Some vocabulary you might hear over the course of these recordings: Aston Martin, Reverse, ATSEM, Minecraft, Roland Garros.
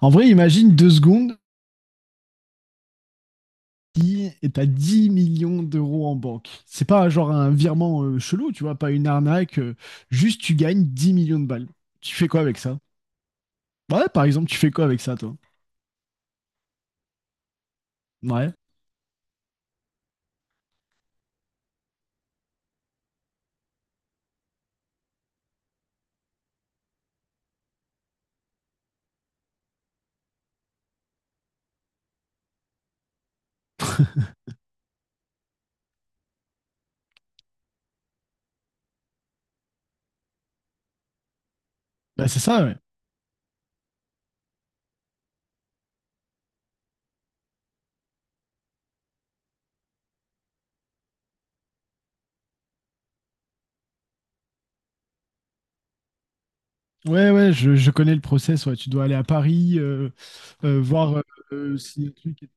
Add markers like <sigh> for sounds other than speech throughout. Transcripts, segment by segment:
En vrai, imagine 2 secondes si t'as 10 millions d'euros en banque. C'est pas genre un virement chelou, tu vois, pas une arnaque. Juste, tu gagnes 10 millions de balles. Tu fais quoi avec ça? Ouais, par exemple, tu fais quoi avec ça, toi? Ouais. <laughs> Bah, c'est ça, ouais. Ouais, ouais, je connais le process. Ouais. Tu dois aller à Paris, voir si le truc est...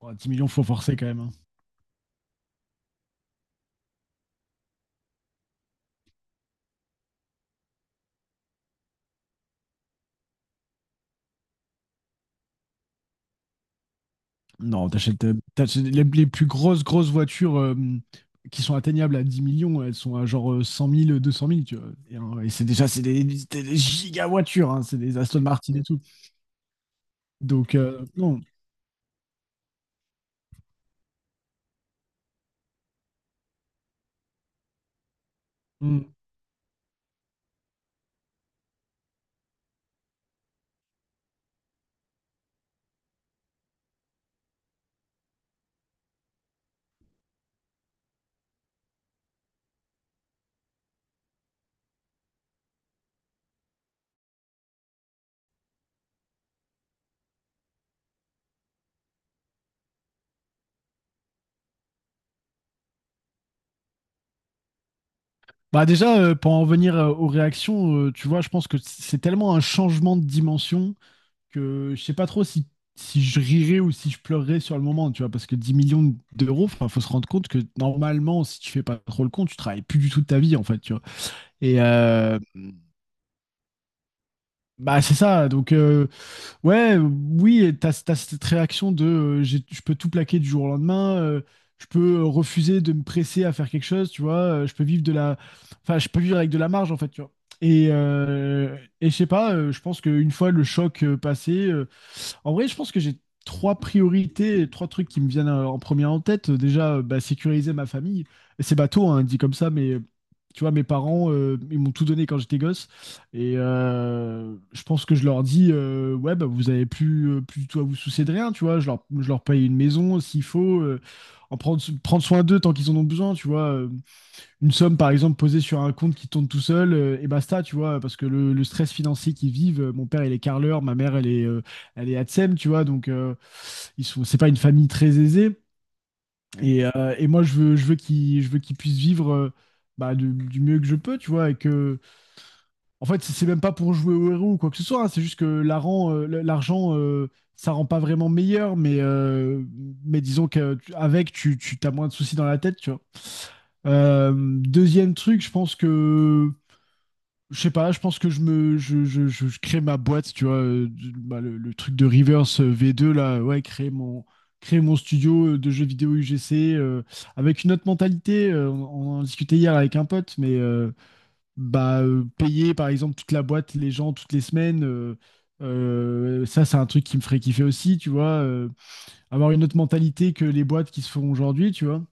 Oh, 10 millions, faut forcer quand même, hein. Non, t'achètes les plus grosses, grosses voitures qui sont atteignables à 10 millions. Elles sont à genre 100 000, 200 000, tu vois. Et c'est déjà, c'est des giga voitures, hein, c'est des Aston Martin et tout. Donc, non. Mm. Bah déjà, pour en venir aux réactions, tu vois, je pense que c'est tellement un changement de dimension que je sais pas trop si je rirais ou si je pleurerais sur le moment, tu vois, parce que 10 millions d'euros, enfin, faut se rendre compte que normalement, si tu fais pas trop le compte, tu travailles plus du tout de ta vie, en fait, tu vois. Et, euh, Bah c'est ça, donc ouais, oui, et t'as cette réaction de je peux tout plaquer du jour au lendemain, je peux refuser de me presser à faire quelque chose, tu vois, je peux vivre de la... Enfin, je peux vivre avec de la marge en fait, tu vois. Et je sais pas, je pense qu'une fois le choc passé, en vrai, je pense que j'ai trois priorités, trois trucs qui me viennent en premier en tête. Déjà, bah, sécuriser ma famille. C'est bateau, hein, dit comme ça, mais tu vois, mes parents, ils m'ont tout donné quand j'étais gosse. Et je pense que je leur dis, ouais, bah, vous avez plus, plus du tout à vous soucier de rien, tu vois. Je leur paye une maison s'il faut, prendre soin d'eux tant qu'ils en ont besoin, tu vois. Une somme, par exemple, posée sur un compte qui tourne tout seul, et basta, tu vois. Parce que le stress financier qu'ils vivent, mon père, il est carleur, ma mère, elle est ATSEM, tu vois. Donc, c'est pas une famille très aisée. Et moi, je veux qu'ils puissent vivre, bah, du mieux que je peux, tu vois. Et que en fait, si c'est même pas pour jouer au héros ou quoi que ce soit, hein. C'est juste que l'argent, ça rend pas vraiment meilleur, mais disons qu'avec, tu as moins de soucis dans la tête, tu vois. Deuxième truc, je pense que, je sais pas, je pense que je me, je crée ma boîte, tu vois, bah, le truc de Reverse V2 là, ouais, créer mon studio de jeux vidéo UGC avec une autre mentalité. On en discutait hier avec un pote, mais bah, payer par exemple toute la boîte, les gens toutes les semaines, ça c'est un truc qui me ferait kiffer aussi, tu vois, avoir une autre mentalité que les boîtes qui se font aujourd'hui, tu vois,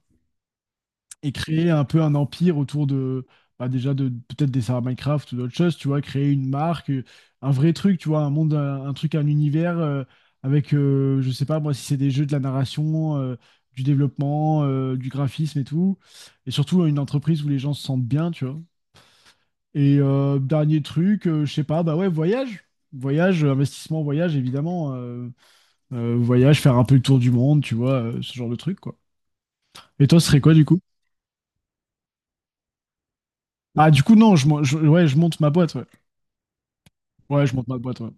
et créer un peu un empire autour de, bah, déjà de peut-être des serveurs Minecraft ou d'autres choses, tu vois, créer une marque, un vrai truc, tu vois, un monde, un truc, un univers avec, je sais pas moi, si c'est des jeux de la narration. Du développement, du graphisme et tout, et surtout une entreprise où les gens se sentent bien, tu vois. Et dernier truc, je sais pas, bah ouais, voyage. Voyage, investissement, voyage, évidemment. Voyage, faire un peu le tour du monde, tu vois, ce genre de truc, quoi. Et toi, ce serait quoi, du coup? Ah, du coup, non, ouais, je monte ma boîte, ouais. Ouais, je monte ma boîte, ouais.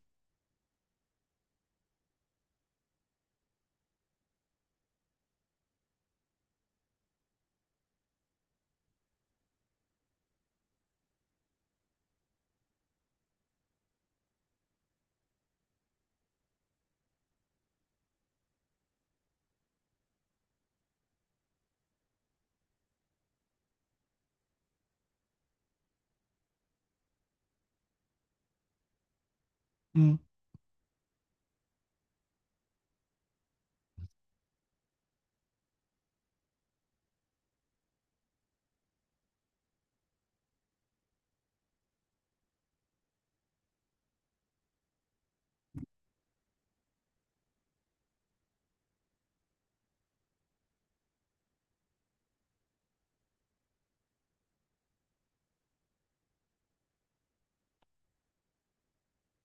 Hmm.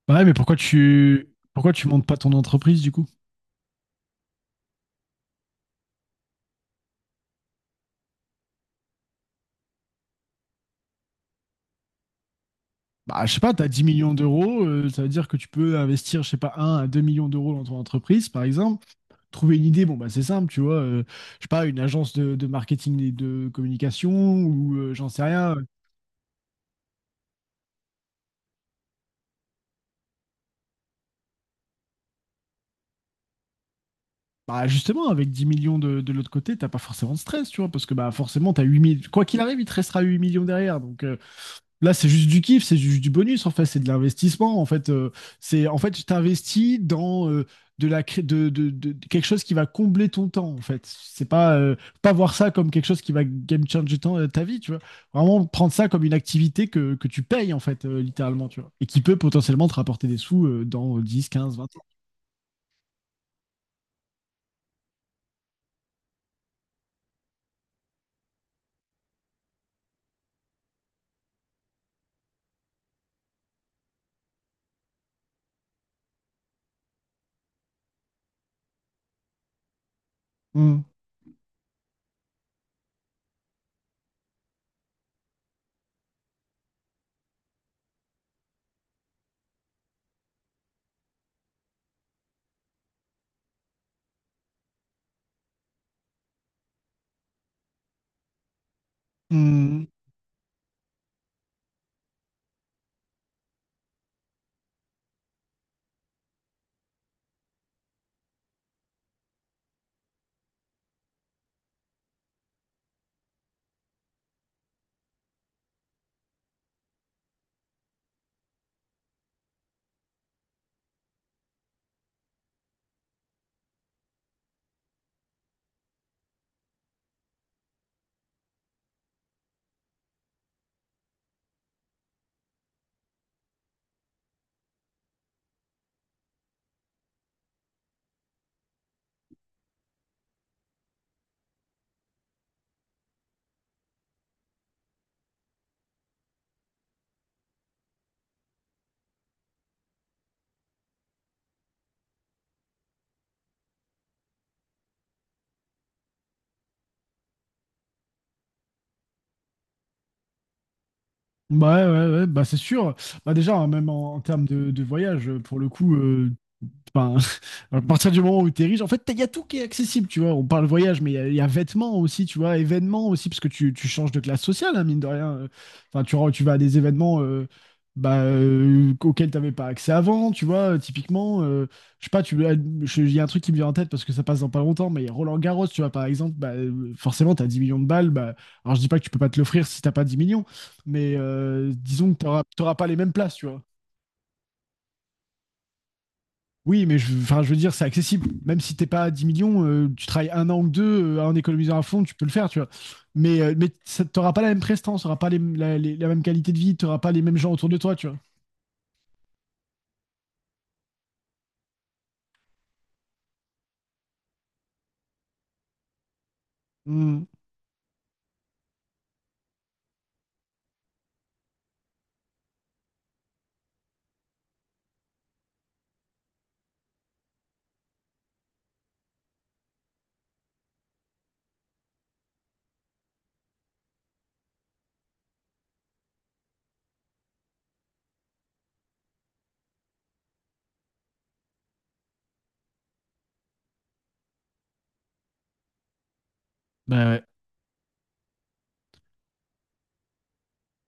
Bah ouais, mais pourquoi tu montes pas ton entreprise, du coup? Bah, je sais pas, t'as 10 millions d'euros, ça veut dire que tu peux investir, je sais pas, 1 à 2 millions d'euros dans ton entreprise, par exemple. Trouver une idée, bon, bah, c'est simple, tu vois. Je sais pas, une agence de marketing et de communication, ou j'en sais rien. Bah justement, avec 10 millions de l'autre côté, t'as pas forcément de stress, tu vois, parce que bah forcément, t'as 8 millions. Quoi qu'il arrive, il te restera 8 millions derrière. Donc là, c'est juste du kiff, c'est juste du bonus, en fait, c'est de l'investissement. En fait, c'est en fait, tu t'investis dans de la cré- de quelque chose qui va combler ton temps, en fait. C'est pas, pas voir ça comme quelque chose qui va game changer ta vie, tu vois. Vraiment prendre ça comme une activité que tu payes, en fait, littéralement, tu vois. Et qui peut potentiellement te rapporter des sous dans 10 15 20 ans. Mm. Mm. Ouais, ouais, ouais, bah c'est sûr. Bah déjà, hein, même en termes de voyage, pour le coup, enfin, <laughs> à partir du moment où tu es riche, en fait, il y a tout qui est accessible, tu vois. On parle voyage, mais il y a vêtements aussi, tu vois, événements aussi, parce que tu changes de classe sociale, hein, mine de rien. Enfin, tu vas à des événements bah, auxquels tu n'avais pas accès avant, tu vois. Typiquement, je sais pas, il y a un truc qui me vient en tête parce que ça passe dans pas longtemps, mais Roland Garros, tu vois, par exemple, bah, forcément, tu as 10 millions de balles. Bah, alors, je dis pas que tu peux pas te l'offrir si t'as pas 10 millions, mais disons que tu n'auras pas les mêmes places, tu vois. Oui, mais je, enfin, je veux dire, c'est accessible. Même si t'es pas à 10 millions, tu travailles 1 an ou 2 en économisant à fond, tu peux le faire, tu vois. Mais t'auras pas la même prestance, t'auras pas la même qualité de vie, t'auras pas les mêmes gens autour de toi, tu vois. Mm. Bah ouais.